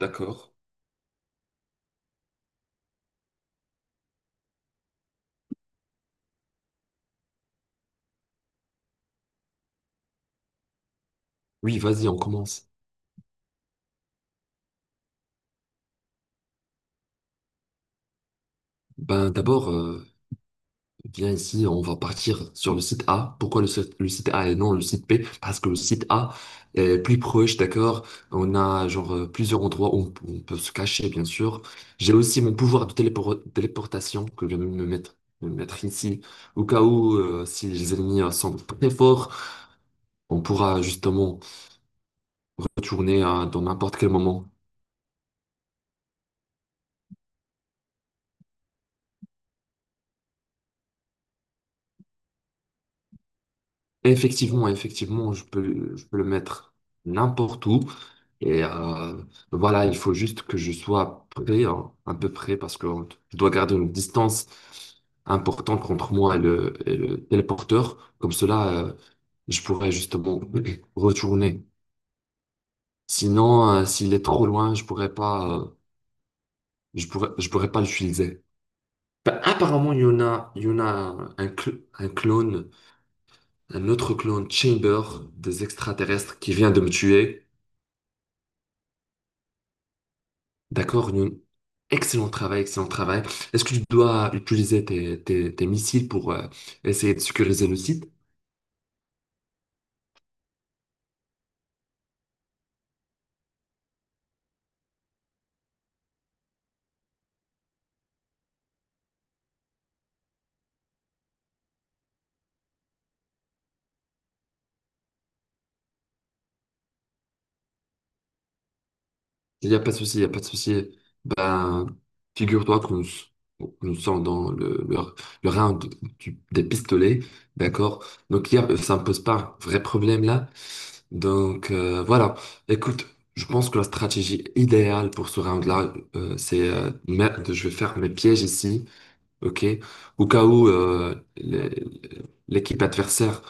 D'accord. Oui, vas-y, on commence. Ben, d'abord, viens ici, on va partir sur le site A. Pourquoi le site A et non le site B? Parce que le site A est plus proche, d'accord? On a genre plusieurs endroits où on peut se cacher, bien sûr. J'ai aussi mon pouvoir de téléportation que je viens de me mettre ici. Au cas où, si les ennemis sont très forts, on pourra justement retourner dans n'importe quel moment. Effectivement, je peux le mettre n'importe où. Et voilà, il faut juste que je sois prêt, hein, à peu près, parce que je dois garder une distance importante entre moi et et le téléporteur. Comme cela, je pourrais justement retourner. Sinon, s'il est trop loin, je pourrais pas, je pourrais pas l'utiliser. Bah, apparemment, il y en a un, un clone, un autre clone Chamber des extraterrestres qui vient de me tuer. D'accord, Youn. Excellent travail, excellent travail. Est-ce que tu dois utiliser tes missiles pour essayer de sécuriser le site? Il n'y a pas de souci, il n'y a pas de souci. Ben, figure-toi que nous, nous sommes dans le round des pistolets, d'accord? Donc, ça ne pose pas un vrai problème là. Donc, voilà. Écoute, je pense que la stratégie idéale pour ce round-là, c'est je vais faire mes pièges ici. Ok. Au cas où l'équipe adversaire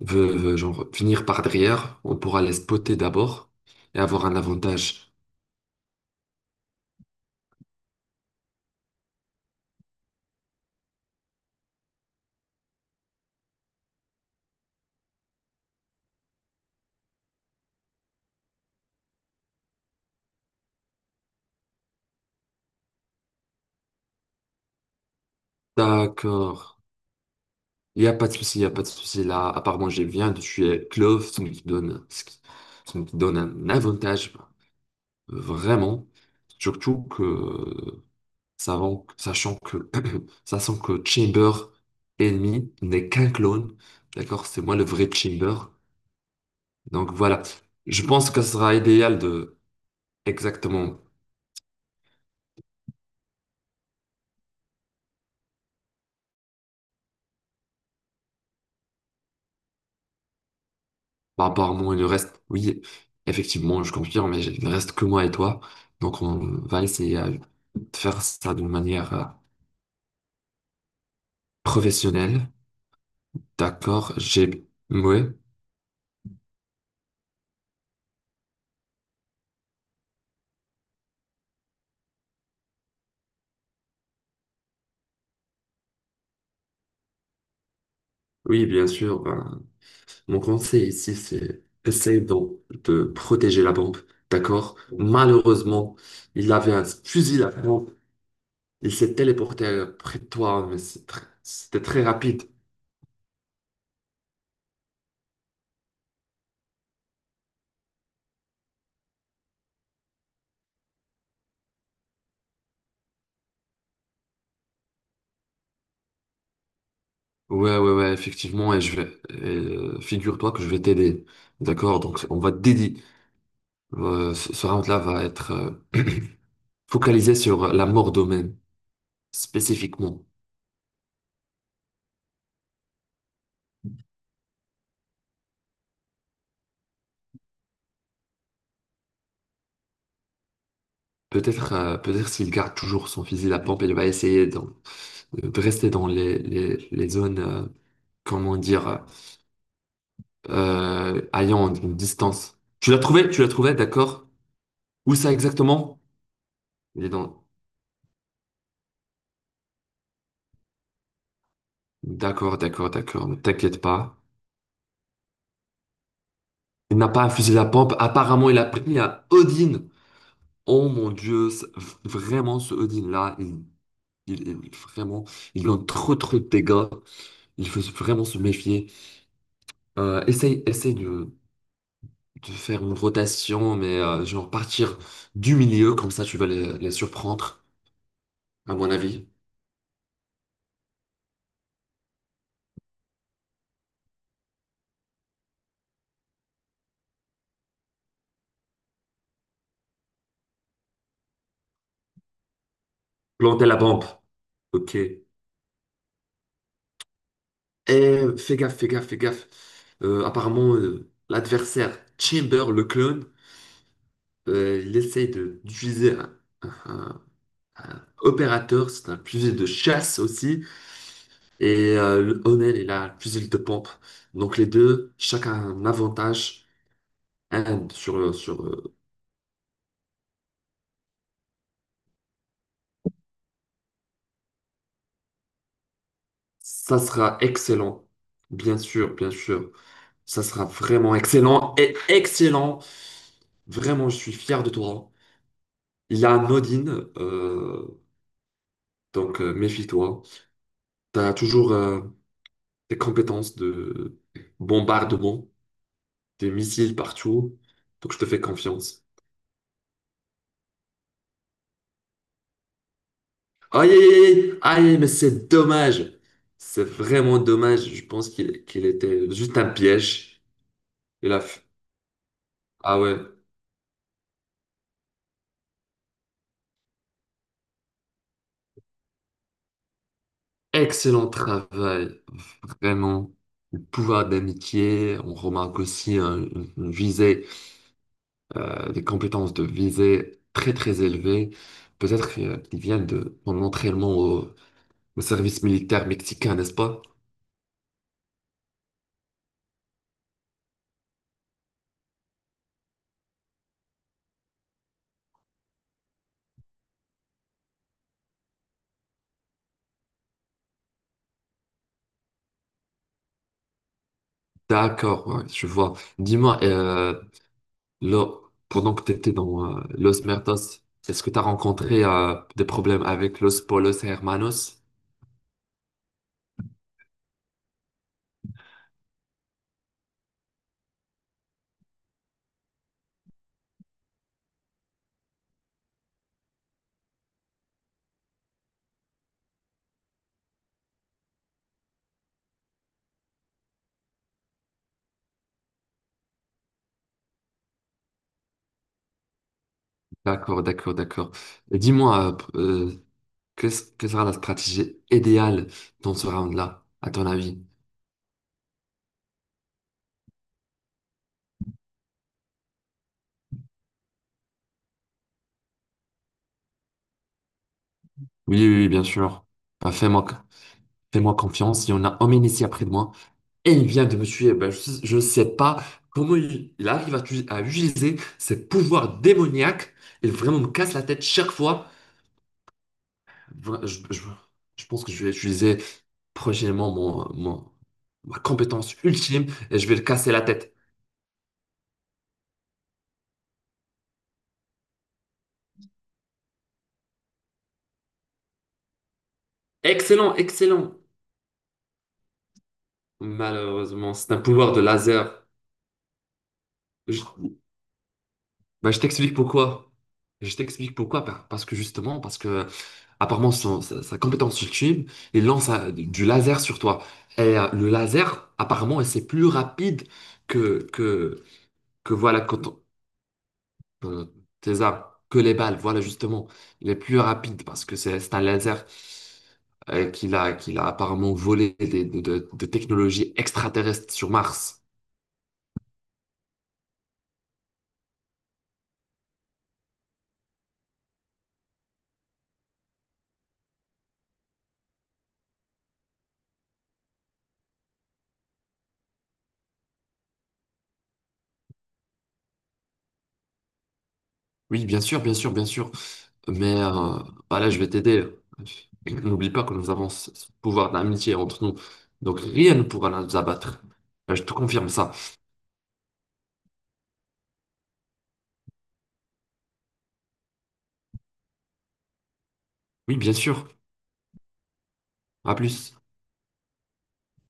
genre venir par derrière, on pourra les spotter d'abord et avoir un avantage. D'accord. Il n'y a pas de souci, il n'y a pas de souci. Là, à part moi, je viens de tuer Clove, ce qui donne un avantage vraiment. Surtout que, sachant que, sachant que Chamber ennemi n'est qu'un clone. D'accord? C'est moi le vrai Chamber. Donc voilà, je pense que ce sera idéal de exactement par rapport à moi, il ne reste, oui, effectivement, je confirme, mais il ne reste que moi et toi. Donc on va essayer de faire ça d'une manière professionnelle. D'accord, j'ai... Ouais. Oui, bien sûr. Ben, mon conseil ici, c'est essayer de protéger la bombe. D'accord? Malheureusement, il avait un fusil à pompe. Il s'est téléporté près de toi, mais c'était très rapide. Ouais, ouais, ouais, effectivement, et, figure-toi que je vais t'aider. D'accord? Donc, on va te dédier. Ce round-là va être focalisé sur la mort d'Omen, spécifiquement. Peut-être peut-être s'il garde toujours son fusil à pompe, il va essayer de rester dans les zones, comment dire, ayant une distance. Tu l'as trouvé? Tu l'as trouvé, d'accord? Où ça exactement? Il est dans... D'accord, d'accord, d'accord, ne t'inquiète pas. Il n'a pas infusé la pompe. Apparemment, il a pris un Odin. Oh mon Dieu, vraiment ce Odin-là, vraiment, il donne trop trop de dégâts. Il faut vraiment se méfier. Essaye de faire une rotation, mais genre partir du milieu, comme ça tu vas les surprendre, à mon avis. Planter la pompe. Ok. Et fais gaffe, fais gaffe, fais gaffe. Apparemment, l'adversaire Chamber, le clone, d'utiliser un- Opérateur, c'est un fusil de chasse aussi, et le Honel est un fusil de pompe. Donc les deux, chacun a un avantage. Un ça sera excellent, bien sûr, bien sûr. Ça sera vraiment excellent et excellent. Vraiment, je suis fier de toi. Il y a un Odin, donc méfie-toi. Tu as toujours des compétences de bombardement, des missiles partout, donc je te fais confiance. Aïe, aïe, aïe, aïe, aïe, mais c'est dommage. C'est vraiment dommage. Je pense qu'il était juste un piège. Il a fait- Ah ouais, excellent travail. Vraiment. Le pouvoir d'amitié. On remarque aussi une visée, des compétences de visée très, très élevées. Peut-être qu'ils viennent de mon entraînement au, au service militaire mexicain, n'est-ce pas? D'accord, ouais, je vois. Dis-moi, Là, pendant que tu étais dans Los Mertos, est-ce que tu as rencontré des problèmes avec Los Polos et Hermanos? D'accord, d'accord, d'accord. Et dis-moi, quelle sera la stratégie idéale dans ce round-là, à ton avis? Oui, oui, oui, bien sûr. Bah, fais-moi, fais-moi confiance. Il y en a un homme ici après de moi et il vient de me tuer. Bah, je ne sais pas comment il arrive à, à utiliser ses pouvoirs démoniaques. Il vraiment me casse la tête chaque fois. Vra- Je, je- je pense que je vais utiliser prochainement ma compétence ultime et je vais le casser la tête. Excellent, excellent. Malheureusement, c'est un pouvoir de laser. Je, bah, je t'explique pourquoi. Je t'explique pourquoi. Parce que justement, parce que apparemment, sa compétence ultime, il lance du laser sur toi. Et le laser, apparemment, c'est plus rapide que, que, que voilà, euh, tes armes, que les balles. Voilà, justement, il est plus rapide parce que c'est un laser qu'il a apparemment volé de technologies extraterrestres sur Mars. Oui, bien sûr, bien sûr, bien sûr. Mais voilà, je vais t'aider. N'oublie pas que nous avons ce pouvoir d'amitié entre nous. Donc rien ne pourra nous abattre. Je te confirme ça. Oui, bien sûr. À plus.